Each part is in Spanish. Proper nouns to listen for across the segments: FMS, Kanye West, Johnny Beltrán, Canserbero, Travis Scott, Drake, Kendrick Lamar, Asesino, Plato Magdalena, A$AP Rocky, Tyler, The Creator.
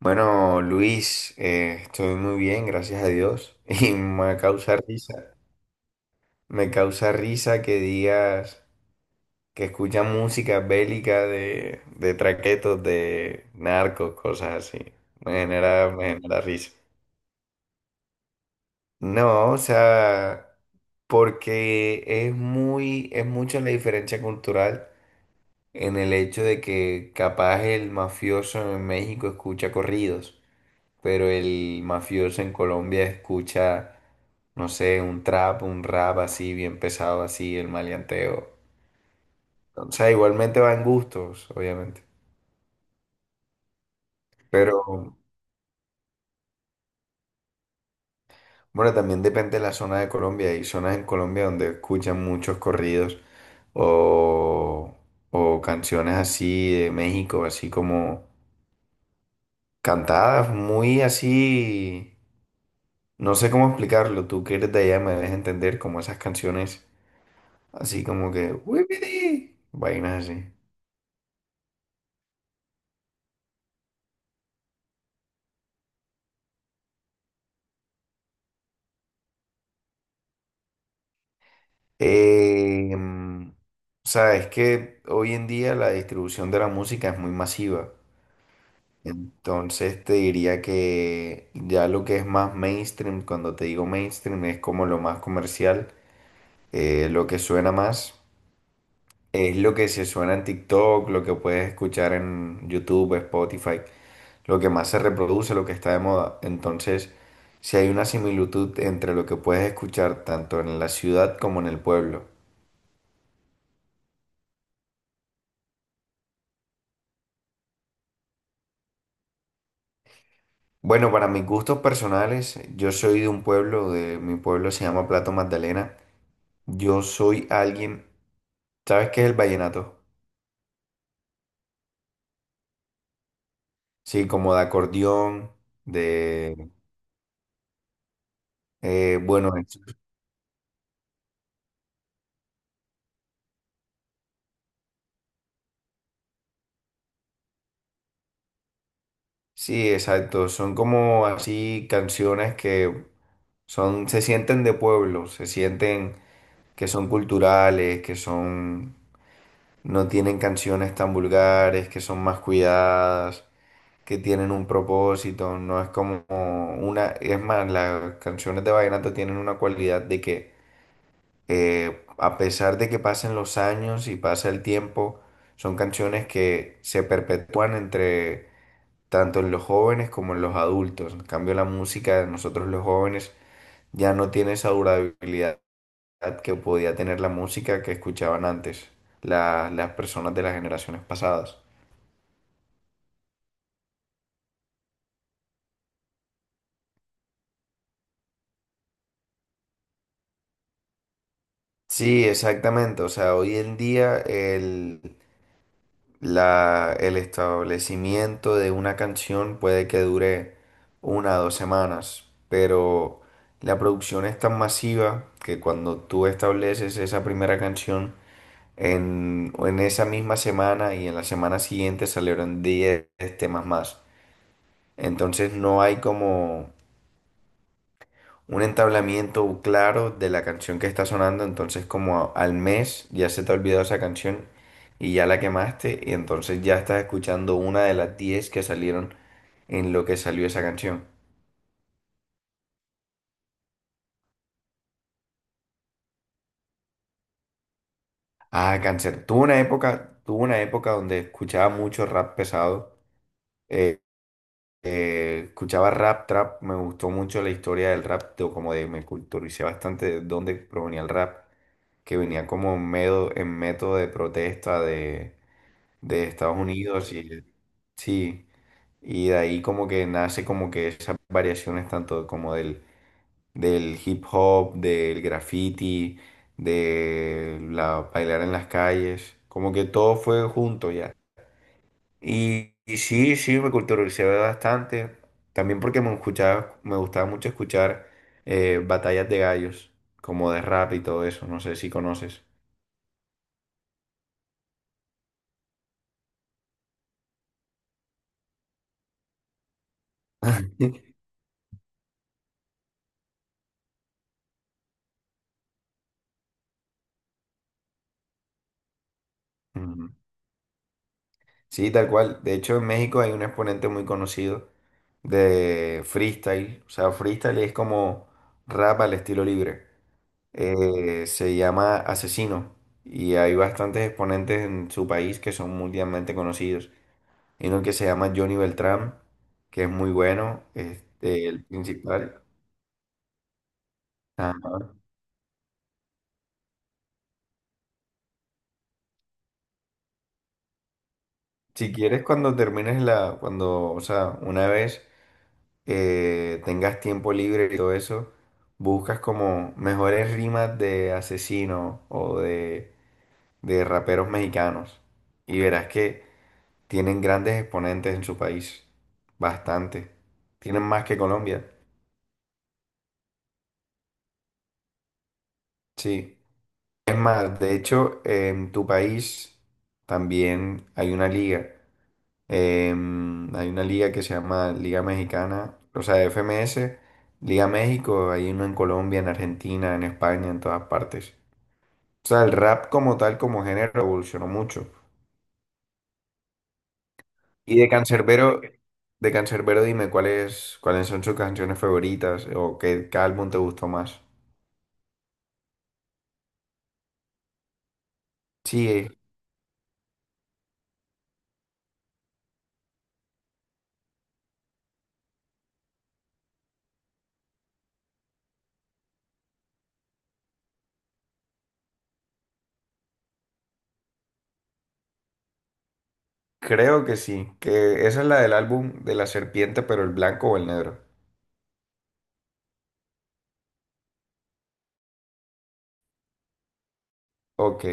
Bueno, Luis, estoy muy bien, gracias a Dios. Me causa risa que digas que escuchas música bélica de traquetos, de narcos, cosas así. Me genera risa. No, o sea, porque es mucha la diferencia cultural en el hecho de que capaz el mafioso en México escucha corridos, pero el mafioso en Colombia escucha, no sé, un trap, un rap así, bien pesado así, el maleanteo. O sea, igualmente va en gustos, obviamente. Pero bueno, también depende de la zona de Colombia. Hay zonas en Colombia donde escuchan muchos corridos o, o canciones así de México, así como cantadas, muy así. No sé cómo explicarlo. Tú que eres de allá me debes entender como esas canciones. Así como que, "Wipiti", vainas así. O sea, es que hoy en día la distribución de la música es muy masiva. Entonces te diría que ya lo que es más mainstream, cuando te digo mainstream, es como lo más comercial, lo que suena más, es lo que se suena en TikTok, lo que puedes escuchar en YouTube, Spotify, lo que más se reproduce, lo que está de moda. Entonces, si hay una similitud entre lo que puedes escuchar tanto en la ciudad como en el pueblo. Bueno, para mis gustos personales, yo soy de un pueblo, de mi pueblo, se llama Plato Magdalena. Yo soy alguien, ¿sabes qué es el vallenato? Sí, como de acordeón, de, bueno, es- Sí, exacto. Son como así canciones que son, se sienten de pueblo, se sienten que son culturales, que son, no tienen canciones tan vulgares, que son más cuidadas, que tienen un propósito. No es como una, es más, las canciones de vallenato tienen una cualidad de que a pesar de que pasen los años y pasa el tiempo, son canciones que se perpetúan entre tanto en los jóvenes como en los adultos. En cambio, la música de nosotros los jóvenes ya no tiene esa durabilidad que podía tener la música que escuchaban antes la- las personas de las generaciones pasadas. Sí, exactamente. O sea, hoy en día la- el establecimiento de una canción puede que dure una o dos semanas, pero la producción es tan masiva que cuando tú estableces esa primera canción, en esa misma semana y en la semana siguiente salieron 10 temas más. Entonces no hay como un entablamiento claro de la canción que está sonando. Entonces como a- al mes ya se te ha olvidado esa canción y ya la quemaste. Y entonces ya estás escuchando una de las 10 que salieron en lo que salió esa canción. Ah, Cáncer. Tuve una época donde escuchaba mucho rap pesado. eh, Escuchaba rap, trap, me gustó mucho la historia del rap, de- como de, me culturicé bastante de dónde provenía el rap, que venía como en medo- en método de protesta de Estados Unidos y sí, y de ahí como que nace como que esas variaciones tanto como del hip hop, del graffiti, de la bailar en las calles, como que todo fue junto ya. Y sí, sí, me culturalicé bastante. También porque me escuchaba, me gustaba mucho escuchar batallas de gallos, como de rap y todo eso. No sé si conoces. Ujú. Sí, tal cual. De hecho, en México hay un exponente muy conocido de freestyle. O sea, freestyle es como rap al estilo libre. Se llama Asesino. Y hay bastantes exponentes en su país que son mundialmente conocidos. Hay uno que se llama Johnny Beltrán, que es muy bueno, este, el principal. Ajá. Si quieres, cuando termines la, cuando, o sea, una vez tengas tiempo libre y todo eso, buscas como mejores rimas de asesinos o de raperos mexicanos y verás que tienen grandes exponentes en su país, bastante. Tienen más que Colombia, sí. Es más, de hecho, en tu país también hay una liga. Hay una liga que se llama Liga Mexicana, o sea, FMS, Liga México, hay uno en Colombia, en Argentina, en España, en todas partes. O sea, el rap como tal, como género, evolucionó mucho. Y de Canserbero, dime cuáles, cuáles son sus canciones favoritas o qué, qué álbum te gustó más. Sí, creo que sí, que esa es la del álbum de la serpiente, pero el blanco o el negro. Ok,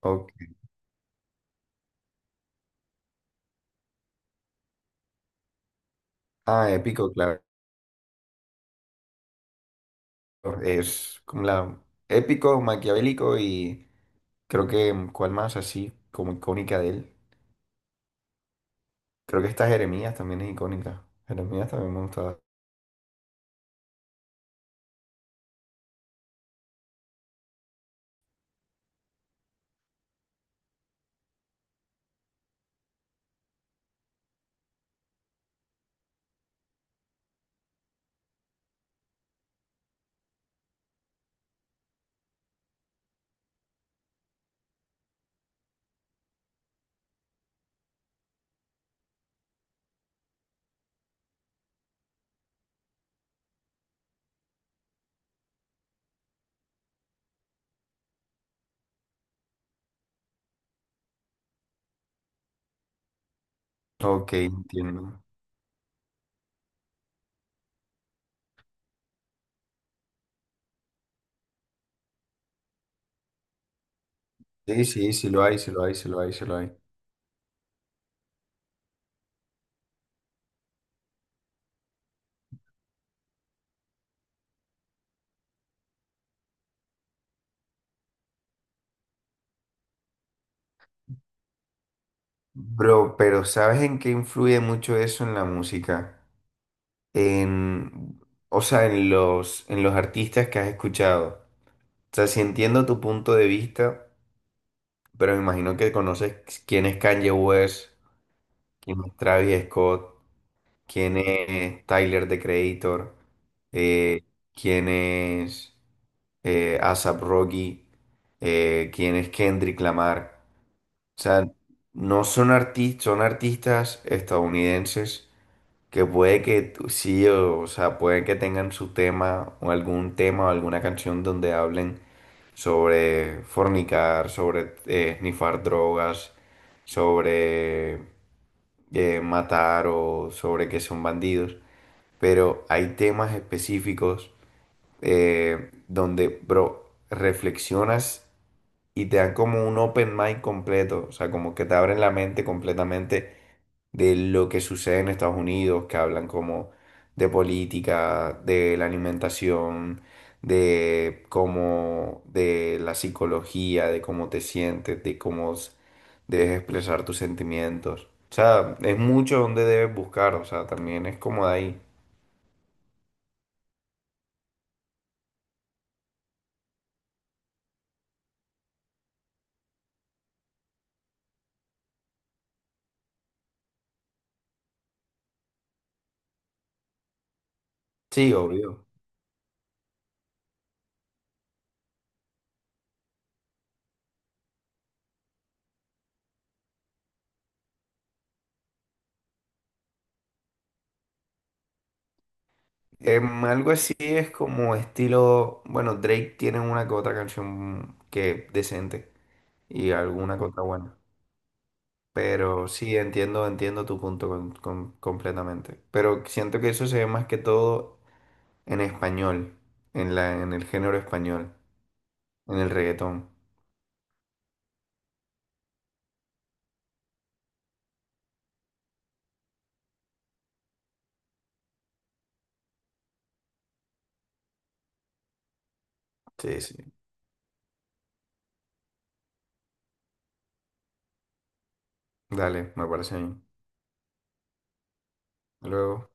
ok. Ah, épico, claro. Es como la épico, maquiavélico y creo que mm, cuál más así como icónica de él. Creo que esta Jeremías también es icónica. Jeremías también me gustaba. Ok, entiendo. Sí, sí, sí lo hay, sí lo hay, sí lo hay, sí lo hay. Bro, pero ¿sabes en qué influye mucho eso en la música? En, o sea, en los artistas que has escuchado. O sea, si entiendo tu punto de vista. Pero me imagino que conoces quién es Kanye West, quién es Travis Scott, quién es Tyler, The Creator, eh, quién es A$AP Rocky, quién es Kendrick Lamar. O sea, no son artistas, son artistas estadounidenses que puede que tú- sí, o sea, puede que tengan su tema o algún tema o alguna canción donde hablen sobre fornicar, sobre snifar drogas, sobre matar o sobre que son bandidos, pero hay temas específicos donde, bro, reflexionas y te dan como un open mind completo, o sea, como que te abren la mente completamente de lo que sucede en Estados Unidos, que hablan como de política, de la alimentación, de cómo, de la psicología, de cómo te sientes, de cómo s- debes expresar tus sentimientos. O sea, es mucho donde debes buscar, o sea, también es como de ahí. Sí, obvio. Algo así es como estilo, bueno, Drake tiene una que otra canción que decente y alguna que otra buena. Pero sí, entiendo, entiendo tu punto con- completamente. Pero siento que eso se ve más que todo en español, en la, en el género español, en el reggaetón. Sí, sí. Dale, me parece bien. Hasta Luego.